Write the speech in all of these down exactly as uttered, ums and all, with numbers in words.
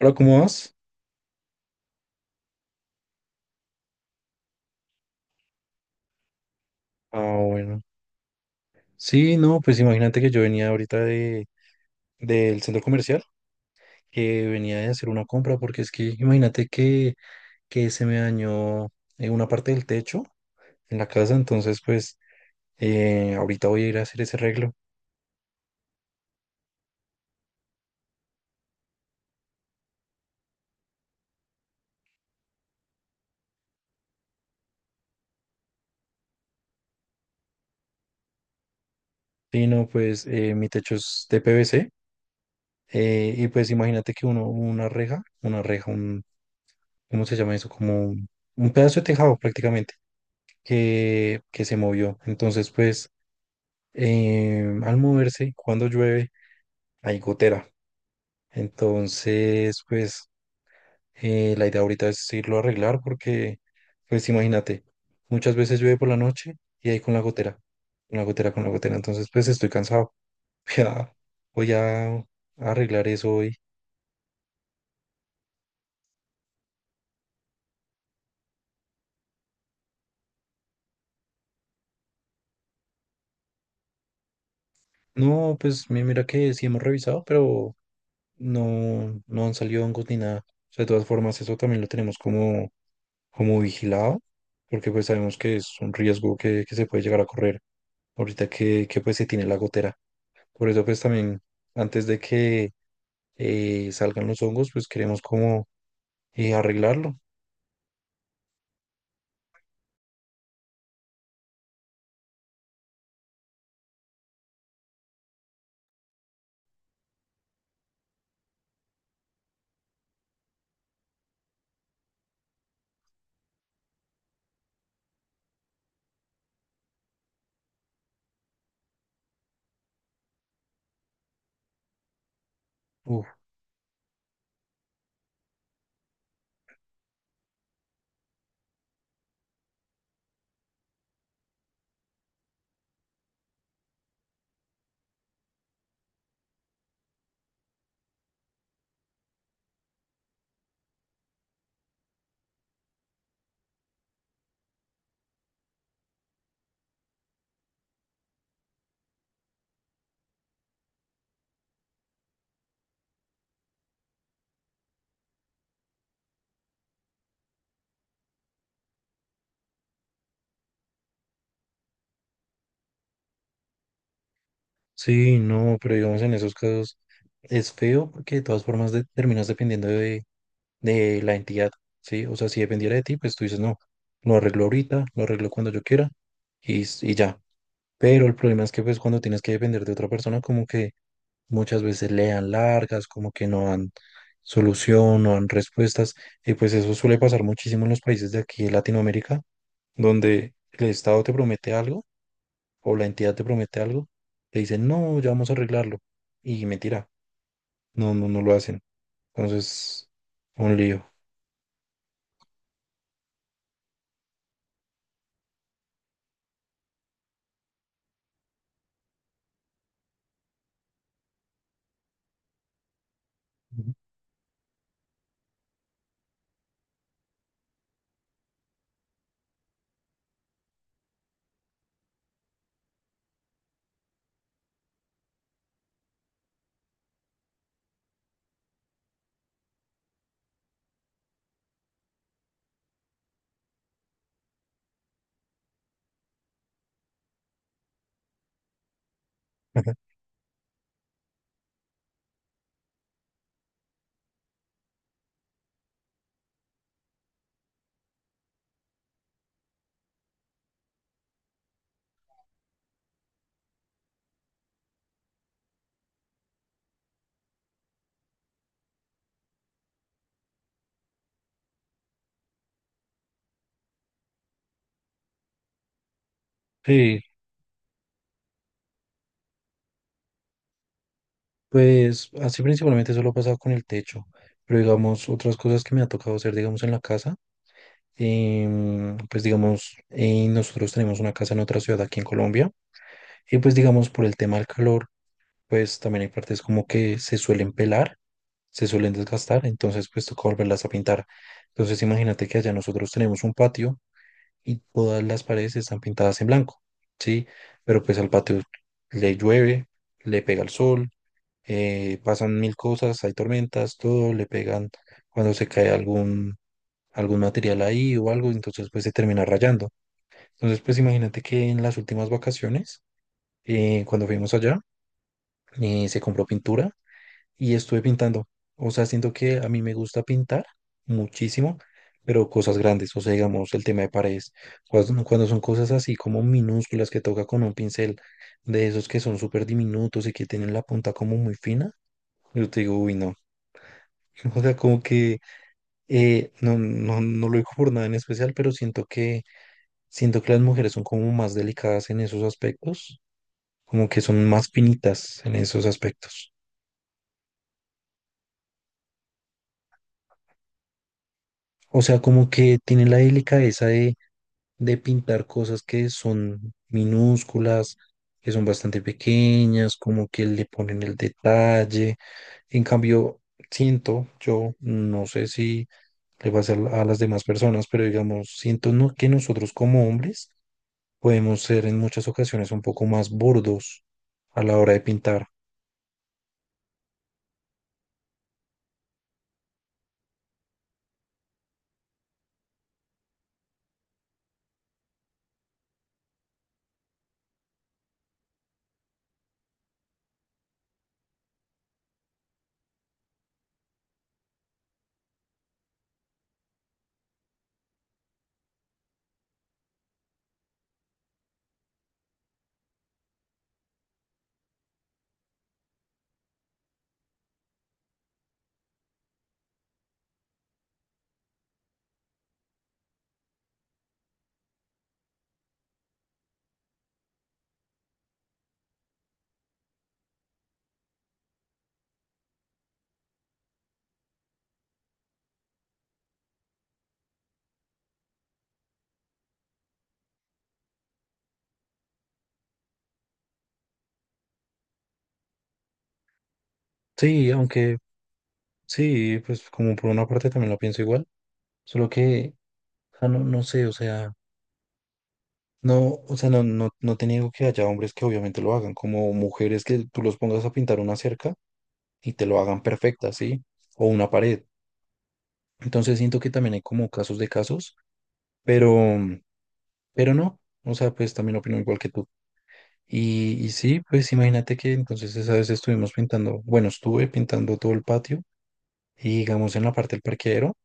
Hola, ¿cómo vas? Ah, bueno. Sí, no, pues imagínate que yo venía ahorita de, del centro comercial, que venía de hacer una compra, porque es que imagínate que, que se me dañó eh, una parte del techo en la casa. Entonces, pues eh, ahorita voy a ir a hacer ese arreglo. Sí, no, pues eh, mi techo es de P V C, eh, y pues imagínate que uno, una reja, una reja, un, ¿cómo se llama eso? Como un, un pedazo de tejado prácticamente, que, que se movió. Entonces pues eh, al moverse, cuando llueve, hay gotera. Entonces, pues eh, la idea ahorita es irlo a arreglar porque, pues imagínate, muchas veces llueve por la noche y ahí con la gotera, con la gotera, con la gotera. Entonces, pues estoy cansado. Ya voy a, a arreglar eso hoy. No, pues mi- mira que sí hemos revisado, pero no, no han salido hongos ni nada. O sea, de todas formas, eso también lo tenemos como, como vigilado, porque pues sabemos que es un riesgo que que se puede llegar a correr, ahorita que, que pues se tiene la gotera. Por eso pues también antes de que eh, salgan los hongos, pues queremos como eh, arreglarlo. Uf, sí, no, pero digamos en esos casos es feo porque de todas formas de- terminas dependiendo de, de la entidad, ¿sí? O sea, si dependiera de ti, pues tú dices, no, lo arreglo ahorita, lo arreglo cuando yo quiera y, s- y ya. Pero el problema es que pues cuando tienes que depender de otra persona, como que muchas veces le dan largas, como que no dan solución, no dan respuestas, y pues eso suele pasar muchísimo en los países de aquí de Latinoamérica, donde el Estado te promete algo o la entidad te promete algo, te dicen, no, ya vamos a arreglarlo, y mentira, no, no, no lo hacen. Entonces, un lío. Ujú. Sí, pues así principalmente eso lo ha pasado con el techo, pero digamos, otras cosas que me ha tocado hacer, digamos, en la casa. Em, pues digamos, eh, nosotros tenemos una casa en otra ciudad aquí en Colombia y pues digamos por el tema del calor, pues también hay partes como que se suelen pelar, se suelen desgastar, entonces pues toca volverlas a pintar. Entonces imagínate que allá nosotros tenemos un patio y todas las paredes están pintadas en blanco, ¿sí? Pero pues al patio le llueve, le pega el sol, eh, pasan mil cosas, hay tormentas, todo, le pegan cuando se cae algún, algún material ahí o algo, entonces pues se termina rayando. Entonces, pues imagínate que en las últimas vacaciones, eh, cuando fuimos allá, eh, se compró pintura y estuve pintando. O sea, siento que a mí me gusta pintar muchísimo, pero cosas grandes. O sea, digamos, el tema de paredes. Cuando, cuando son cosas así como minúsculas que toca con un pincel de esos que son súper diminutos y que tienen la punta como muy fina, yo te digo, uy, no. O sea, como que eh, no, no, no lo digo por nada en especial, pero siento que siento que las mujeres son como más delicadas en esos aspectos, como que son más finitas en esos aspectos. O sea, como que tienen la delicadeza de, de pintar cosas que son minúsculas, que son bastante pequeñas, como que le ponen el detalle. En cambio, siento, yo no sé si le va a ser a las demás personas, pero digamos, siento no, que nosotros como hombres podemos ser en muchas ocasiones un poco más burdos a la hora de pintar. Sí, aunque sí, pues como por una parte también lo pienso igual. Solo que, o no, no sé, o sea, no, o sea, no, no, no te niego que haya hombres que obviamente lo hagan, como mujeres que tú los pongas a pintar una cerca y te lo hagan perfecta, ¿sí? O una pared. Entonces siento que también hay como casos de casos, pero, pero no, o sea, pues también opino igual que tú. Y, y sí, pues imagínate que entonces esa vez estuvimos pintando, bueno, estuve pintando todo el patio y digamos en la parte del parqueadero,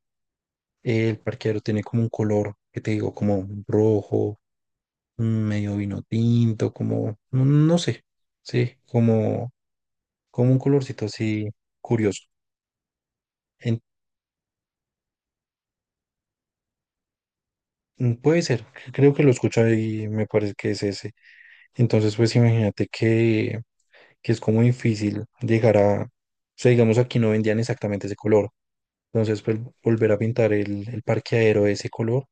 eh, el parqueadero tiene como un color, que te digo, como rojo medio vino tinto, como, no, no sé, sí, como, como un colorcito así curioso. En- mm, puede ser, c- creo que lo escuché y me parece que es ese. Entonces, pues imagínate que, que es como difícil llegar a, o sea, digamos, aquí no vendían exactamente ese color. Entonces, pues, volver a pintar el, el parqueadero de ese color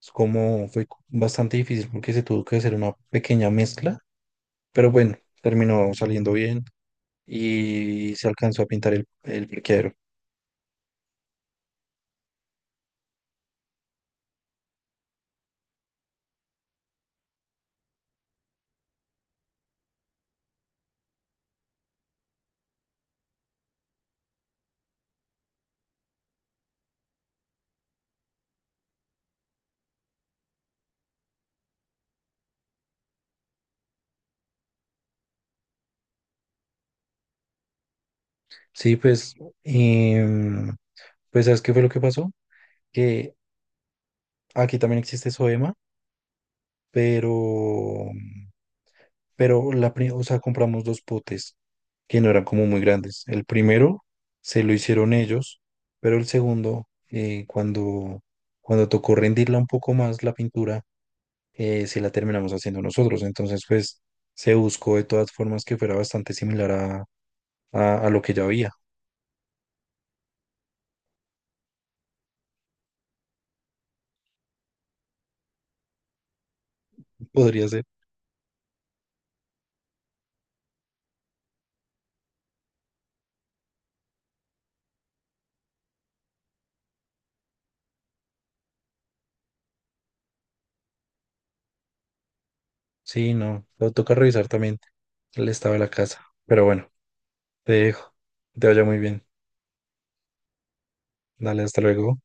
es como fue bastante difícil porque se tuvo que hacer una pequeña mezcla, pero bueno, terminó saliendo bien y se alcanzó a pintar el, el parqueadero. Sí, pues, em, pues ¿sabes qué fue lo que pasó? Que aquí también existe S O E M A. pero, pero la, pri- o sea, compramos dos potes que no eran como muy grandes. El primero se lo hicieron ellos, pero el segundo, eh, cuando, cuando tocó rendirla un poco más la pintura, eh, se la terminamos haciendo nosotros. Entonces, pues se buscó de todas formas que fuera bastante similar a, a, a lo que ya había. Podría ser. Sí, no, lo toca revisar también el estado de la casa. Pero bueno, te dejo. Que te vaya muy bien. Dale, hasta luego.